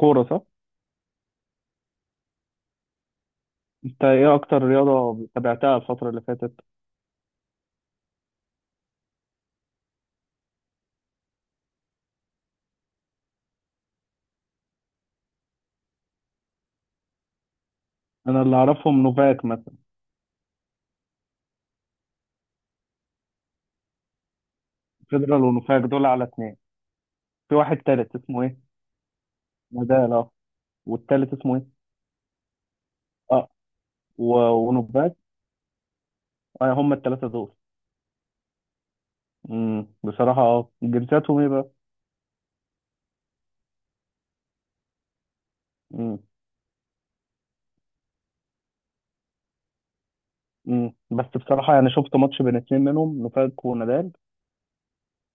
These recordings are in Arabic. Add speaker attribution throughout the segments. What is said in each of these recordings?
Speaker 1: كورة صح؟ انت ايه اكتر رياضة تابعتها الفترة اللي فاتت؟ انا اللي اعرفهم نوفاك مثلا. فيدرال ونوفاك دول على اتنين. في واحد تالت اسمه ايه؟ نادال، اه. والتالت اسمه ايه؟ اه. و... ونوفاك. اه، هم التلاتة دول. بصراحة جنسياتهم ايه بقى؟ امم. بس بصراحة، يعني شفت ماتش بين اتنين منهم، نوفاك ونادال.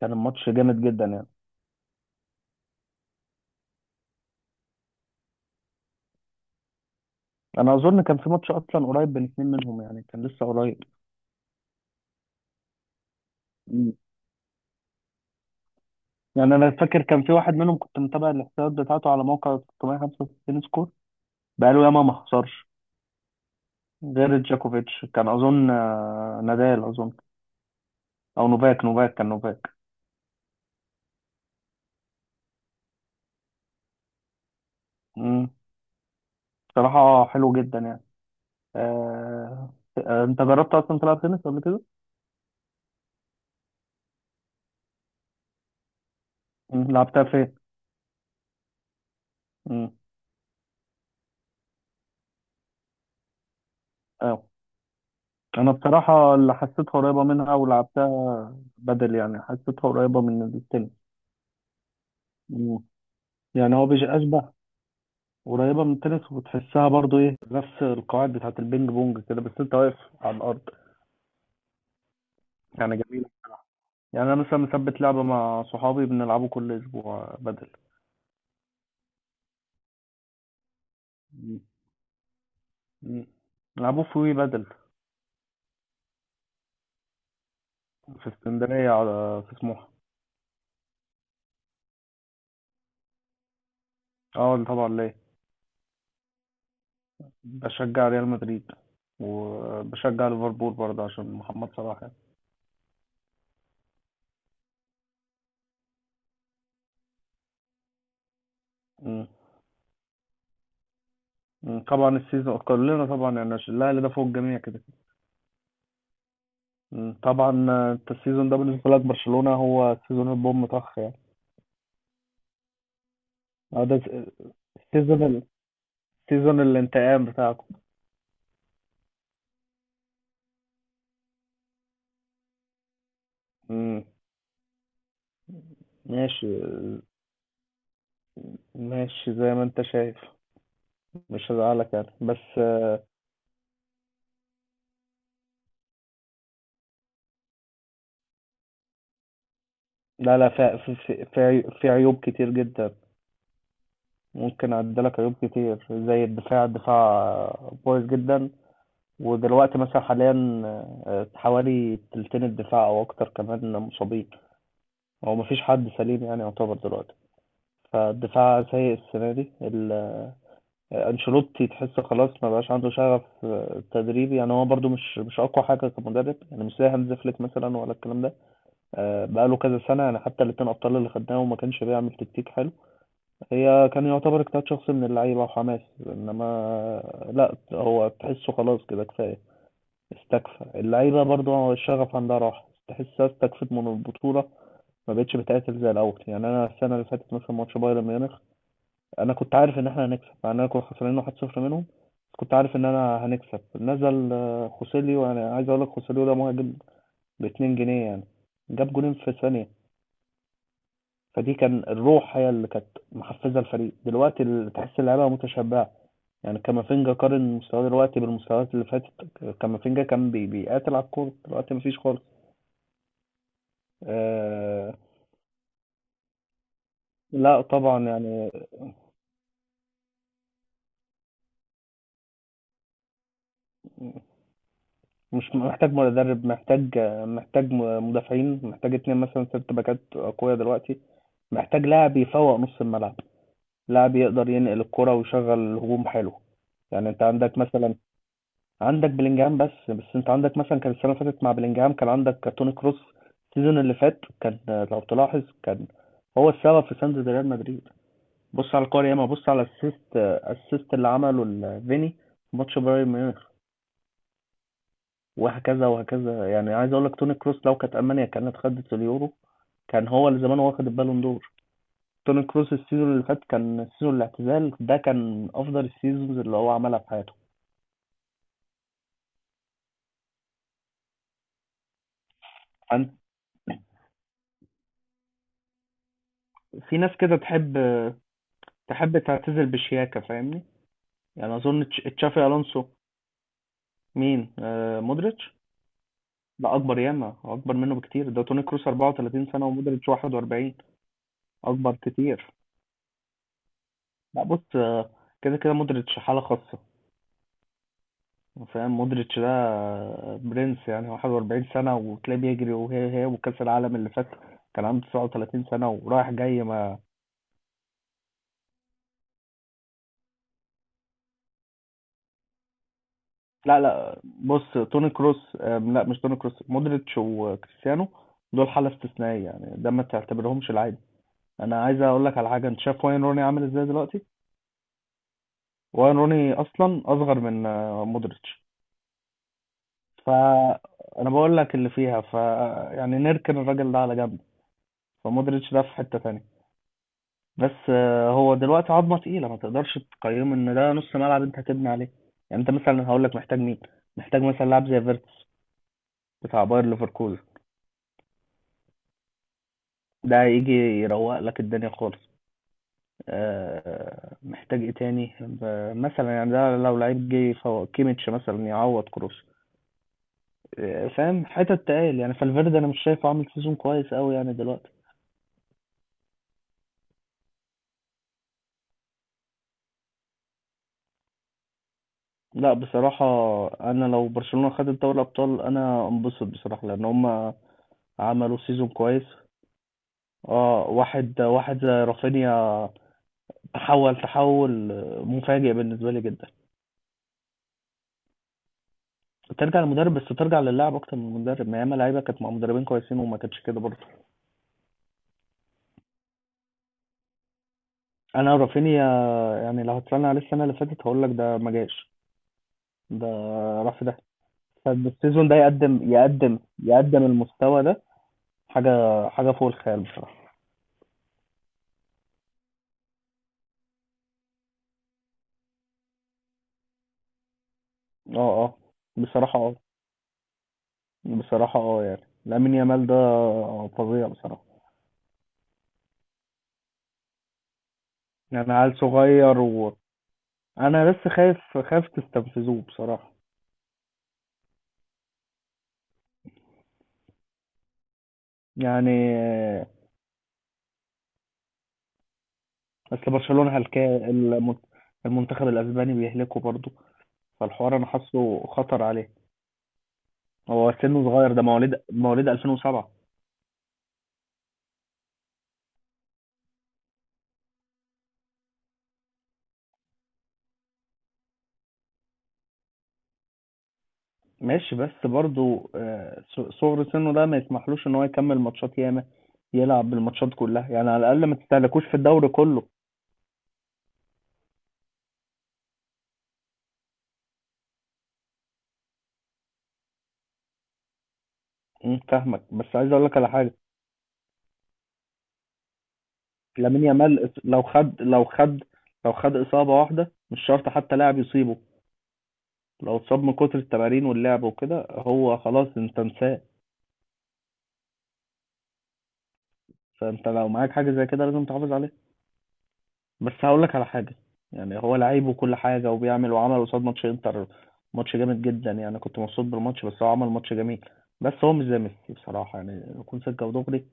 Speaker 1: كان الماتش جامد جدا يعني. انا اظن كان في ماتش اصلا قريب بين اتنين منهم، يعني كان لسه قريب. يعني انا فاكر كان في واحد منهم كنت متابع الاحصائيات بتاعته على موقع 365 سكور، بقاله ياما ما خسرش غير جاكوفيتش. كان اظن نادال اظن، او نوفاك كان نوفاك. امم. بصراحه حلو جدا يعني. انت جربت اصلا تلعب تنس قبل كده؟ لعبتها فين؟ امم. اه انا بصراحه اللي حسيتها قريبه منها ولعبتها بدل، يعني حسيتها قريبه من التنس. مم. يعني هو بيشبه. قريبة من التنس، وبتحسها برضو ايه، نفس القواعد بتاعت البينج بونج كده، بس انت واقف على الارض. يعني جميلة. يعني انا مثلا مثبت لعبة مع صحابي بنلعبه كل اسبوع بدل. م- م. بنلعبوه في وي بدل، في اسكندرية، على في سموحة. اه، طبعا ليه. بشجع ريال مدريد، وبشجع ليفربول برضه عشان محمد صلاح يعني. م. م. طبعا السيزون كلنا طبعا، يعني عشان الاهلي ده فوق الجميع كده. م. طبعا. انت السيزون ده بالنسبة لك برشلونة هو سيزون البوم طخ يعني. ده سيزون سيزون الانتقام بتاعكم. امم. ماشي. ماشي زي ما انت شايف، مش هزعلك يعني، بس. لا، لا، في عيوب كتير جدا. ممكن اعدلك عيوب كتير، زي الدفاع كويس جدا ودلوقتي مثلا حاليا، حوالي تلتين الدفاع او اكتر كمان مصابين. هو مفيش حد سليم يعني يعتبر دلوقتي، فالدفاع سيء السنة دي. انشيلوتي تحس خلاص ما بقاش عنده شغف تدريبي، يعني هو برضو مش اقوى حاجه كمدرب، يعني مش زي هانز فليك مثلا ولا الكلام ده. بقاله كذا سنه يعني، حتى الاتنين ابطال اللي خدناهم ما كانش بيعمل تكتيك حلو. هي كان يعتبر اجتهاد شخصي من اللعيبه وحماس. انما لا، هو تحسه خلاص كده، كفايه، استكفى. اللعيبه برضو الشغف عندها راح، تحسها استكفت من البطوله، ما بقتش بتقاتل زي الاول. يعني انا السنه اللي فاتت مثلا، ماتش بايرن ميونخ، انا كنت عارف ان احنا هنكسب، مع اننا كنا خسرانين 1-0 منهم، بس كنت عارف ان انا هنكسب. نزل خوسيليو. انا عايز اقول لك، خوسيليو ده مهاجم ب 2 جنيه يعني، جاب جولين في ثانيه. فدي كان الروح هي اللي كانت محفزه الفريق. دلوقتي تحس اللعيبه متشبعه. يعني كامافينجا، قارن مستواه دلوقتي بالمستويات اللي فاتت. كامافينجا كان بيقاتل على الكوره، دلوقتي مفيش خالص. آه. لا طبعا يعني. مش محتاج مدرب، محتاج مدافعين، محتاج اتنين مثلا، ست باكات قوية دلوقتي. محتاج لاعب يفوق نص الملعب، لاعب يقدر ينقل الكرة ويشغل الهجوم حلو. يعني انت عندك مثلا، عندك بلينجهام، بس انت عندك مثلا، كان السنة اللي فاتت مع بلينجهام كان عندك توني كروس. السيزون اللي فات كان، لو تلاحظ، كان هو السبب في سند ريال مدريد. بص على الكورة ياما، بص على الاسيست اللي عمله فيني في ماتش بايرن ميونخ، وهكذا وهكذا. يعني عايز اقول لك، توني كروس لو كانت المانيا كانت خدت اليورو، كان هو اللي زمان واخد البالون دور. توني كروس السيزون اللي فات، كان السيزون الاعتزال ده، كان افضل السيزونز اللي هو عملها في حياته. عن- في ناس كده تحب، تعتزل بشياكة، فاهمني؟ يعني اظن تشافي الونسو. مين؟ مودريتش؟ لا اكبر، ياما اكبر منه بكتير. ده توني كروس 34 سنة ومودريتش 41، اكبر كتير. لا، بص، كده كده مودريتش حالة خاصة. فاهم؟ مودريتش ده برنس يعني. هو 41 سنة وتلاقيه بيجري، وهي هي وكأس العالم اللي فات كان عنده 39 سنة ورايح جاي ما. لا، لا، بص، توني كروس لا، مش توني كروس، مودريتش وكريستيانو، دول حالة استثنائية يعني، ده ما تعتبرهمش العادي. انا عايز اقول لك على حاجة، انت شايف واين روني عامل ازاي دلوقتي؟ واين روني اصلا اصغر من مودريتش. فانا بقول لك اللي فيها، ف يعني نركن الراجل ده على جنب. فمودريتش ده في حتة تانية، بس هو دلوقتي عظمه تقيله، ما تقدرش تقيمه ان ده نص ملعب انت هتبني عليه. يعني انت مثلا هقول لك، محتاج مين؟ محتاج مثلا لاعب زي فيرتس بتاع باير ليفركوزن، ده يجي يروق لك الدنيا خالص. محتاج ايه تاني، مثلا، يعني ده لو لعيب جه يفوق كيميتش مثلا، يعوض كروس. فاهم؟ حتت تقال يعني. فالفيردي انا مش شايفه عامل سيزون كويس قوي يعني دلوقتي. لا بصراحة، أنا لو برشلونة خدت دوري الأبطال أنا أنبسط بصراحة، لأن هما عملوا سيزون كويس. اه، واحد واحد زي رافينيا، تحول مفاجئ بالنسبه لي جدا. ترجع للمدرب، بس ترجع للاعب اكتر من المدرب. ما ياما لعيبه كانت مع مدربين كويسين وما كانتش كده برضه. انا رافينيا، يعني لو هتسالني عليه السنه اللي فاتت هقول لك ده ما جاش. ده راح في ده، فالسيزون ده يقدم، المستوى ده، حاجه حاجه فوق الخيال بصراحه. اه اه، بصراحه اه. يعني لامين يامال ده فظيع بصراحه. يعني عيل صغير انا بس خايف تستنفذوه بصراحه يعني. اصل برشلونه هلكا المنتخب الاسباني بيهلكه برضه. فالحوار انا حاسه خطر عليه. هو سنه صغير، ده مواليد 2007. ماشي، بس برضه صغر سنه ده ما يسمحلوش ان هو يكمل ماتشات ياما، يلعب بالماتشات كلها. يعني على الاقل ما تستهلكوش في الدوري كله. فاهمك، بس عايز اقول لك على حاجه. لامين يامال لو خد اصابه واحده، مش شرط حتى لاعب يصيبه، لو اتصاب من كتر التمارين واللعب وكده، هو خلاص، انت انساه. فانت لو معاك حاجه زي كده لازم تحافظ عليها. بس هقول لك على حاجه. يعني هو لعيب وكل حاجه وبيعمل، وعمل قصاد ماتش انتر، ماتش جامد جدا يعني. كنت مبسوط بالماتش، بس هو عمل ماتش جميل. بس هو مش زي ميسي بصراحه، يعني يكون سكه ودغري.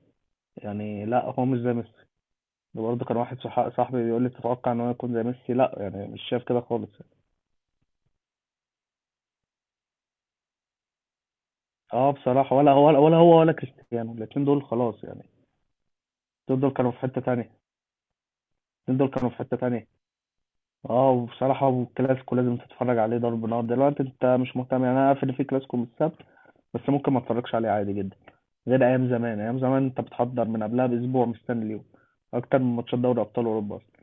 Speaker 1: يعني لا، هو مش زي ميسي. ده برضه كان واحد صاحبي بيقول لي تتوقع ان هو يكون زي ميسي، لا يعني مش شايف كده خالص. اه، بصراحه ولا هو، ولا هو ولا كريستيانو، الاتنين دول خلاص يعني. الاتنين دول كانوا في حته تانية. الاتنين دول كانوا في حته تانية. اه، وبصراحة الكلاسيكو لازم تتفرج عليه، ضرب نار. دلوقتي انت مش مهتم، يعني انا عارف ان في كلاسيكو من السبت، بس ممكن ما اتفرجش عليه عادي جدا، غير ايام زمان. ايام زمان انت بتحضر من قبلها باسبوع، مستني اليوم اكتر من ماتشات دوري ابطال اوروبا اصلا.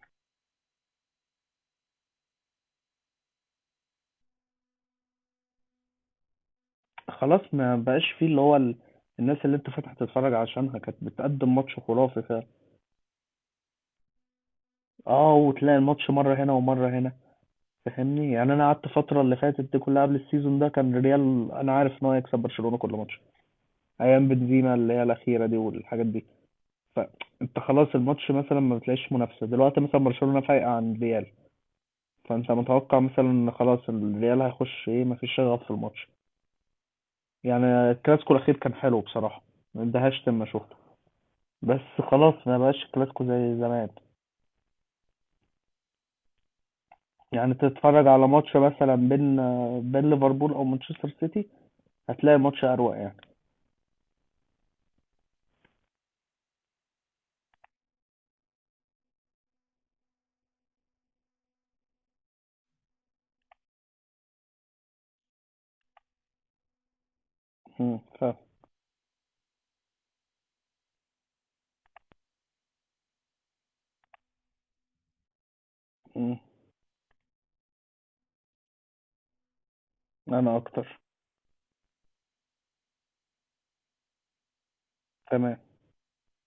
Speaker 1: خلاص ما بقاش فيه اللي هو الناس اللي انت فاتح تتفرج عشانها كانت بتقدم ماتش خرافي فعلا. اه، وتلاقي الماتش مرة هنا ومرة هنا، فاهمني؟ يعني انا قعدت الفترة اللي فاتت دي كلها، قبل السيزون ده كان الريال، انا عارف ان هو يكسب برشلونة كل ماتش، ايام بنزيما اللي هي الاخيرة دي والحاجات دي. فانت خلاص الماتش مثلا ما بتلاقيش منافسه. دلوقتي مثلا برشلونه فايقه عن الريال، فانت متوقع مثلا ان خلاص الريال هيخش ايه، مفيش شغف في الماتش. يعني الكلاسيكو الاخير كان حلو بصراحه، ما اندهشت لما شفته، بس خلاص ما بقاش الكلاسيكو زي زمان. يعني تتفرج على ماتش مثلا بين ليفربول او مانشستر سيتي، هتلاقي الماتش اروق يعني. مم، ف مم، انا اكتر. تمام.